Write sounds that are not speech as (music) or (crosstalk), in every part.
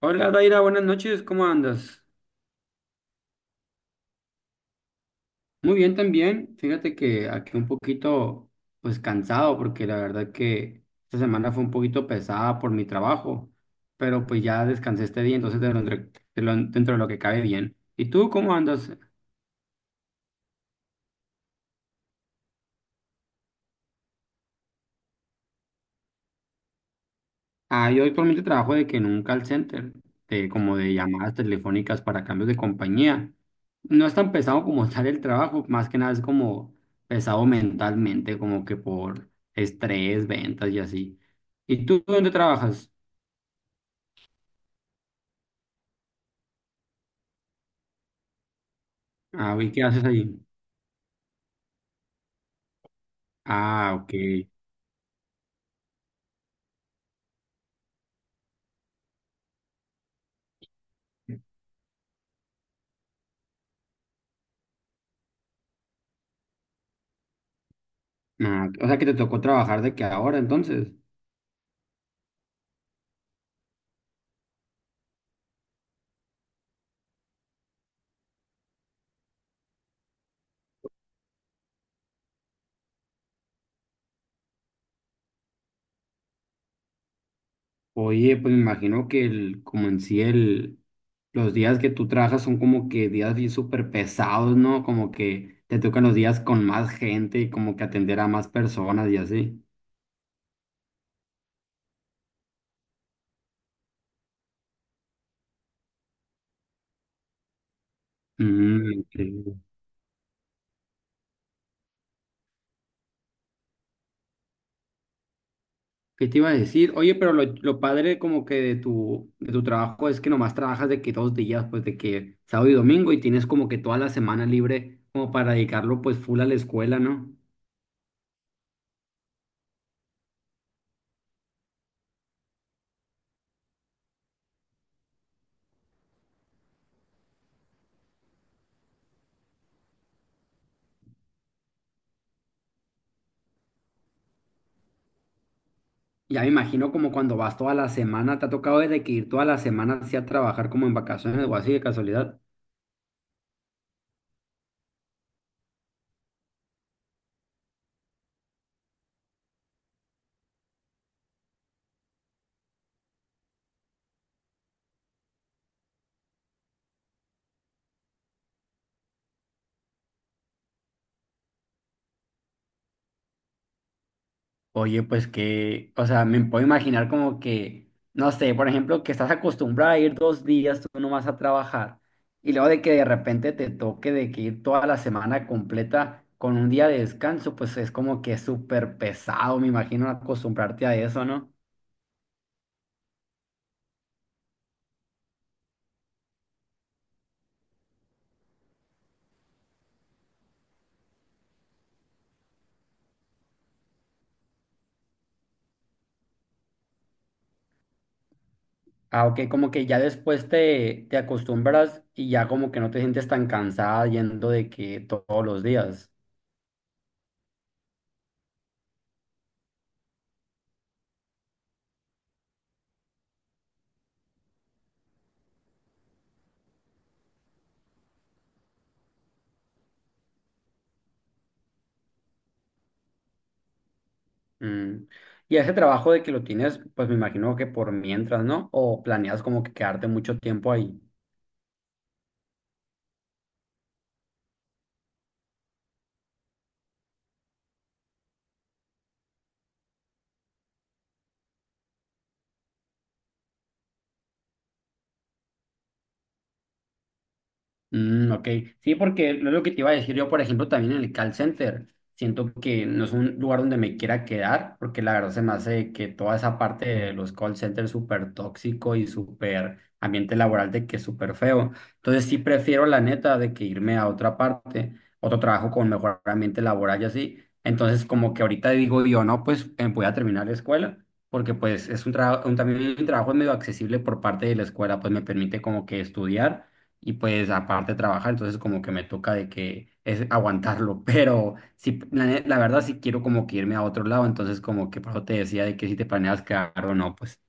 Hola Daira, buenas noches, ¿cómo andas? Muy bien también, fíjate que aquí un poquito pues cansado porque la verdad que esta semana fue un poquito pesada por mi trabajo, pero pues ya descansé este día, entonces dentro de lo que cabe bien. ¿Y tú cómo andas? Ah, yo actualmente trabajo de que en un call center, de, como de llamadas telefónicas para cambios de compañía. No es tan pesado como (laughs) tal el trabajo, más que nada es como pesado mentalmente, como que por estrés, ventas y así. ¿Y tú dónde trabajas? Ah, ¿y qué haces ahí? Ah, ok. Ah, o sea que te tocó trabajar de que ahora entonces. Oye, pues me imagino que el, como en sí el, los días que tú trabajas son como que días bien súper pesados, ¿no? Como que te tocan los días con más gente y como que atender a más personas y así. Mm, ok. ¿Qué te iba a decir? Oye, pero lo padre como que de tu trabajo es que nomás trabajas de que dos días, pues de que sábado y domingo y tienes como que toda la semana libre como para dedicarlo pues full a la escuela, ¿no? Ya me imagino como cuando vas toda la semana, te ha tocado desde que ir toda la semana así a trabajar como en vacaciones o así de casualidad. Oye, pues que, o sea, me puedo imaginar como que, no sé, por ejemplo, que estás acostumbrada a ir dos días, tú no vas a trabajar, y luego de que de repente te toque de que ir toda la semana completa con un día de descanso, pues es como que es súper pesado, me imagino acostumbrarte a eso, ¿no? Ah, ok, como que ya después te acostumbras y ya como que no te sientes tan cansada yendo de que todos los días. Mm. Y ese trabajo de que lo tienes, pues me imagino que por mientras, ¿no? O planeas como que quedarte mucho tiempo ahí. Mm, ok, sí, porque lo que te iba a decir yo, por ejemplo, también en el call center, siento que no es un lugar donde me quiera quedar, porque la verdad se me hace que toda esa parte de los call centers súper tóxico y súper ambiente laboral de que es súper feo. Entonces sí prefiero la neta de que irme a otra parte, otro trabajo con mejor ambiente laboral y así. Entonces como que ahorita digo yo, no, pues voy a terminar la escuela. Porque pues es un trabajo, también un trabajo medio accesible por parte de la escuela, pues me permite como que estudiar y pues aparte trabajar, entonces como que me toca de que es aguantarlo, (laughs) pero sí, la verdad sí quiero como que irme a otro lado, entonces como que por eso te decía de que si te planeas quedar o no, pues.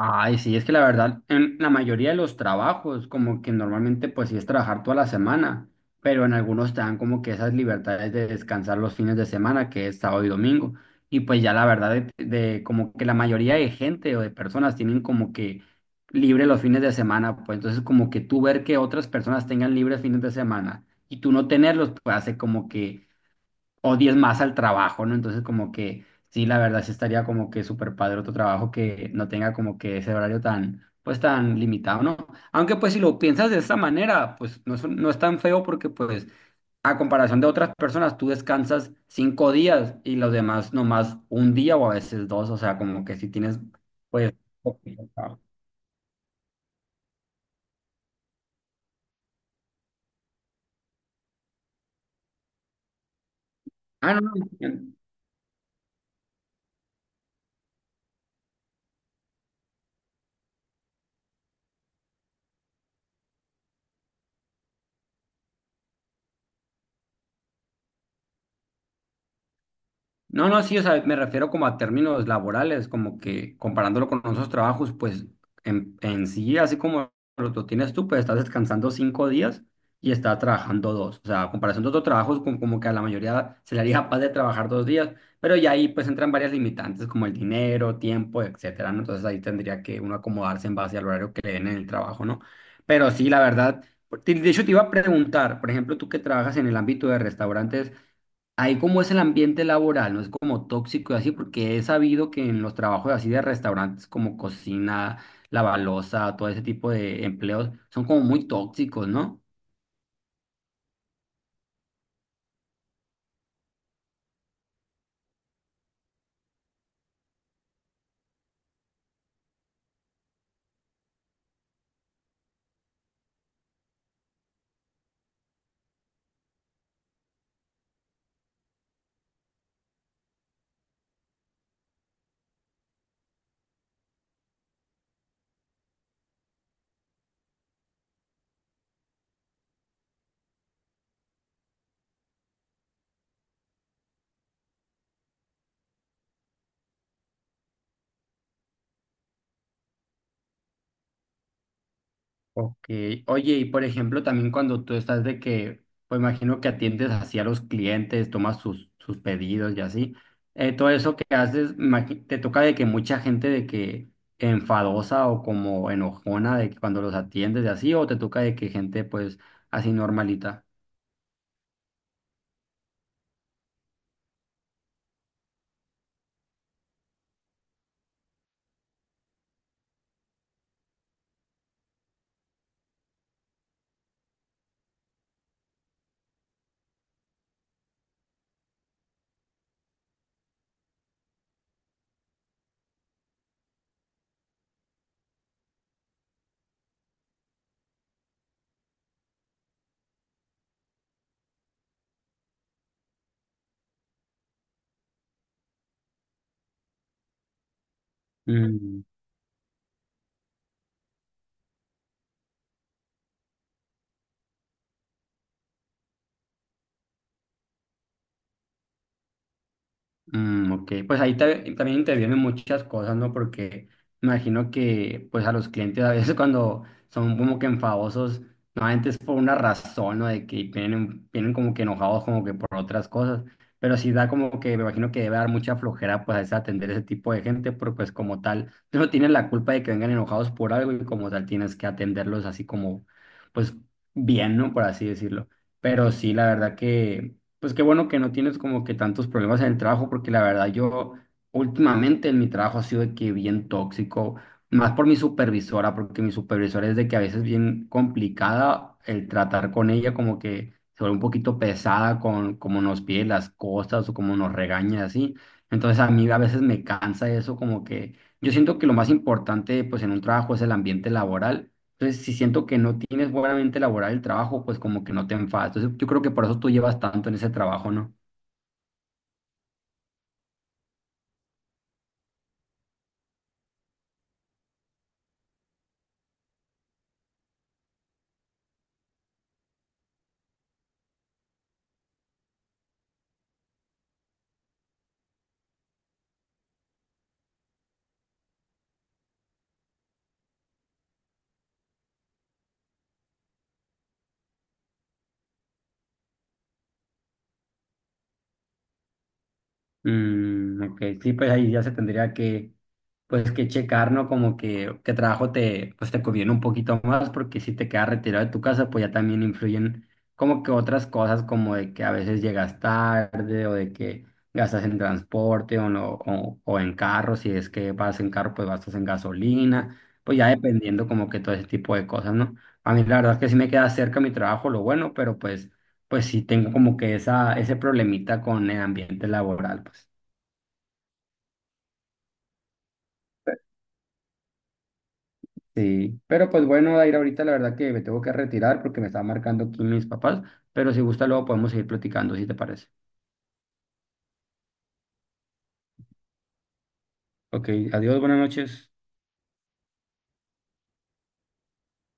Ay, sí, es que la verdad, en la mayoría de los trabajos, como que normalmente pues sí es trabajar toda la semana, pero en algunos te dan como que esas libertades de descansar los fines de semana, que es sábado y domingo. Y pues ya la verdad, de como que la mayoría de gente o de personas tienen como que libre los fines de semana, pues entonces como que tú ver que otras personas tengan libres fines de semana y tú no tenerlos, pues hace como que o 10 más al trabajo, ¿no? Entonces como que sí, la verdad sí estaría como que súper padre otro trabajo que no tenga como que ese horario tan, pues tan limitado, ¿no? Aunque pues si lo piensas de esta manera, pues no no es tan feo porque pues a comparación de otras personas, tú descansas cinco días y los demás nomás un día o a veces dos, o sea, como que si tienes, pues... poquito trabajo. Ah, no, no. No. No, no, sí, o sea, me refiero como a términos laborales, como que comparándolo con otros trabajos, pues en sí, así como lo tienes tú, pues estás descansando cinco días y estás trabajando dos. O sea, a comparación de otros trabajos, como que a la mayoría se le haría capaz de trabajar dos días, pero ya ahí pues entran varias limitantes como el dinero, tiempo, etcétera, ¿no? Entonces ahí tendría que uno acomodarse en base al horario que le den en el trabajo, ¿no? Pero sí, la verdad, de hecho te iba a preguntar, por ejemplo, tú que trabajas en el ámbito de restaurantes. Ahí como es el ambiente laboral, no es como tóxico y así, porque he sabido que en los trabajos así de restaurantes como cocina, balosa, todo ese tipo de empleos son como muy tóxicos, ¿no? Ok. Oye, y por ejemplo, también cuando tú estás de que, pues imagino que atiendes así a los clientes, tomas sus pedidos y así, todo eso que haces, te toca de que mucha gente de que enfadosa o como enojona de que cuando los atiendes y así, o te toca de que gente pues así normalita. Mm, ok, pues ahí también intervienen muchas cosas, ¿no? Porque me imagino que pues a los clientes a veces (laughs) cuando son como que enfadosos, normalmente es por una razón, ¿no? De que vienen como que enojados como que por otras cosas, pero sí da como que me imagino que debe dar mucha flojera pues a veces atender ese tipo de gente, porque pues como tal, tú no tienes la culpa de que vengan enojados por algo y como tal tienes que atenderlos así como pues bien, ¿no? Por así decirlo. Pero sí, la verdad que... Pues qué bueno que no tienes como que tantos problemas en el trabajo, porque la verdad yo últimamente en mi trabajo ha sido de que bien tóxico, más por mi supervisora, porque mi supervisora es de que a veces bien complicada el tratar con ella, como que se vuelve un poquito pesada con cómo nos pide las cosas o cómo nos regaña así. Entonces a mí a veces me cansa eso, como que yo siento que lo más importante pues en un trabajo es el ambiente laboral. Entonces, si siento que no tienes buena mente laboral el trabajo, pues como que no te enfadas. Entonces, yo creo que por eso tú llevas tanto en ese trabajo, ¿no? Mm, ok, sí, pues ahí ya se tendría que, pues que checar, ¿no? Como que qué trabajo te, pues te conviene un poquito más, porque si te quedas retirado de tu casa, pues ya también influyen como que otras cosas, como de que a veces llegas tarde o de que gastas en transporte o, no, o en carro, si es que vas en carro, pues gastas en gasolina, pues ya dependiendo como que todo ese tipo de cosas, ¿no? A mí la verdad es que sí me queda cerca mi trabajo, lo bueno, pero pues, pues sí tengo como que ese problemita con el ambiente laboral, pues. Sí, pero pues bueno, Dair, ahorita la verdad que me tengo que retirar porque me están marcando aquí mis papás, pero si gusta luego podemos seguir platicando, si te parece. Ok, adiós, buenas noches.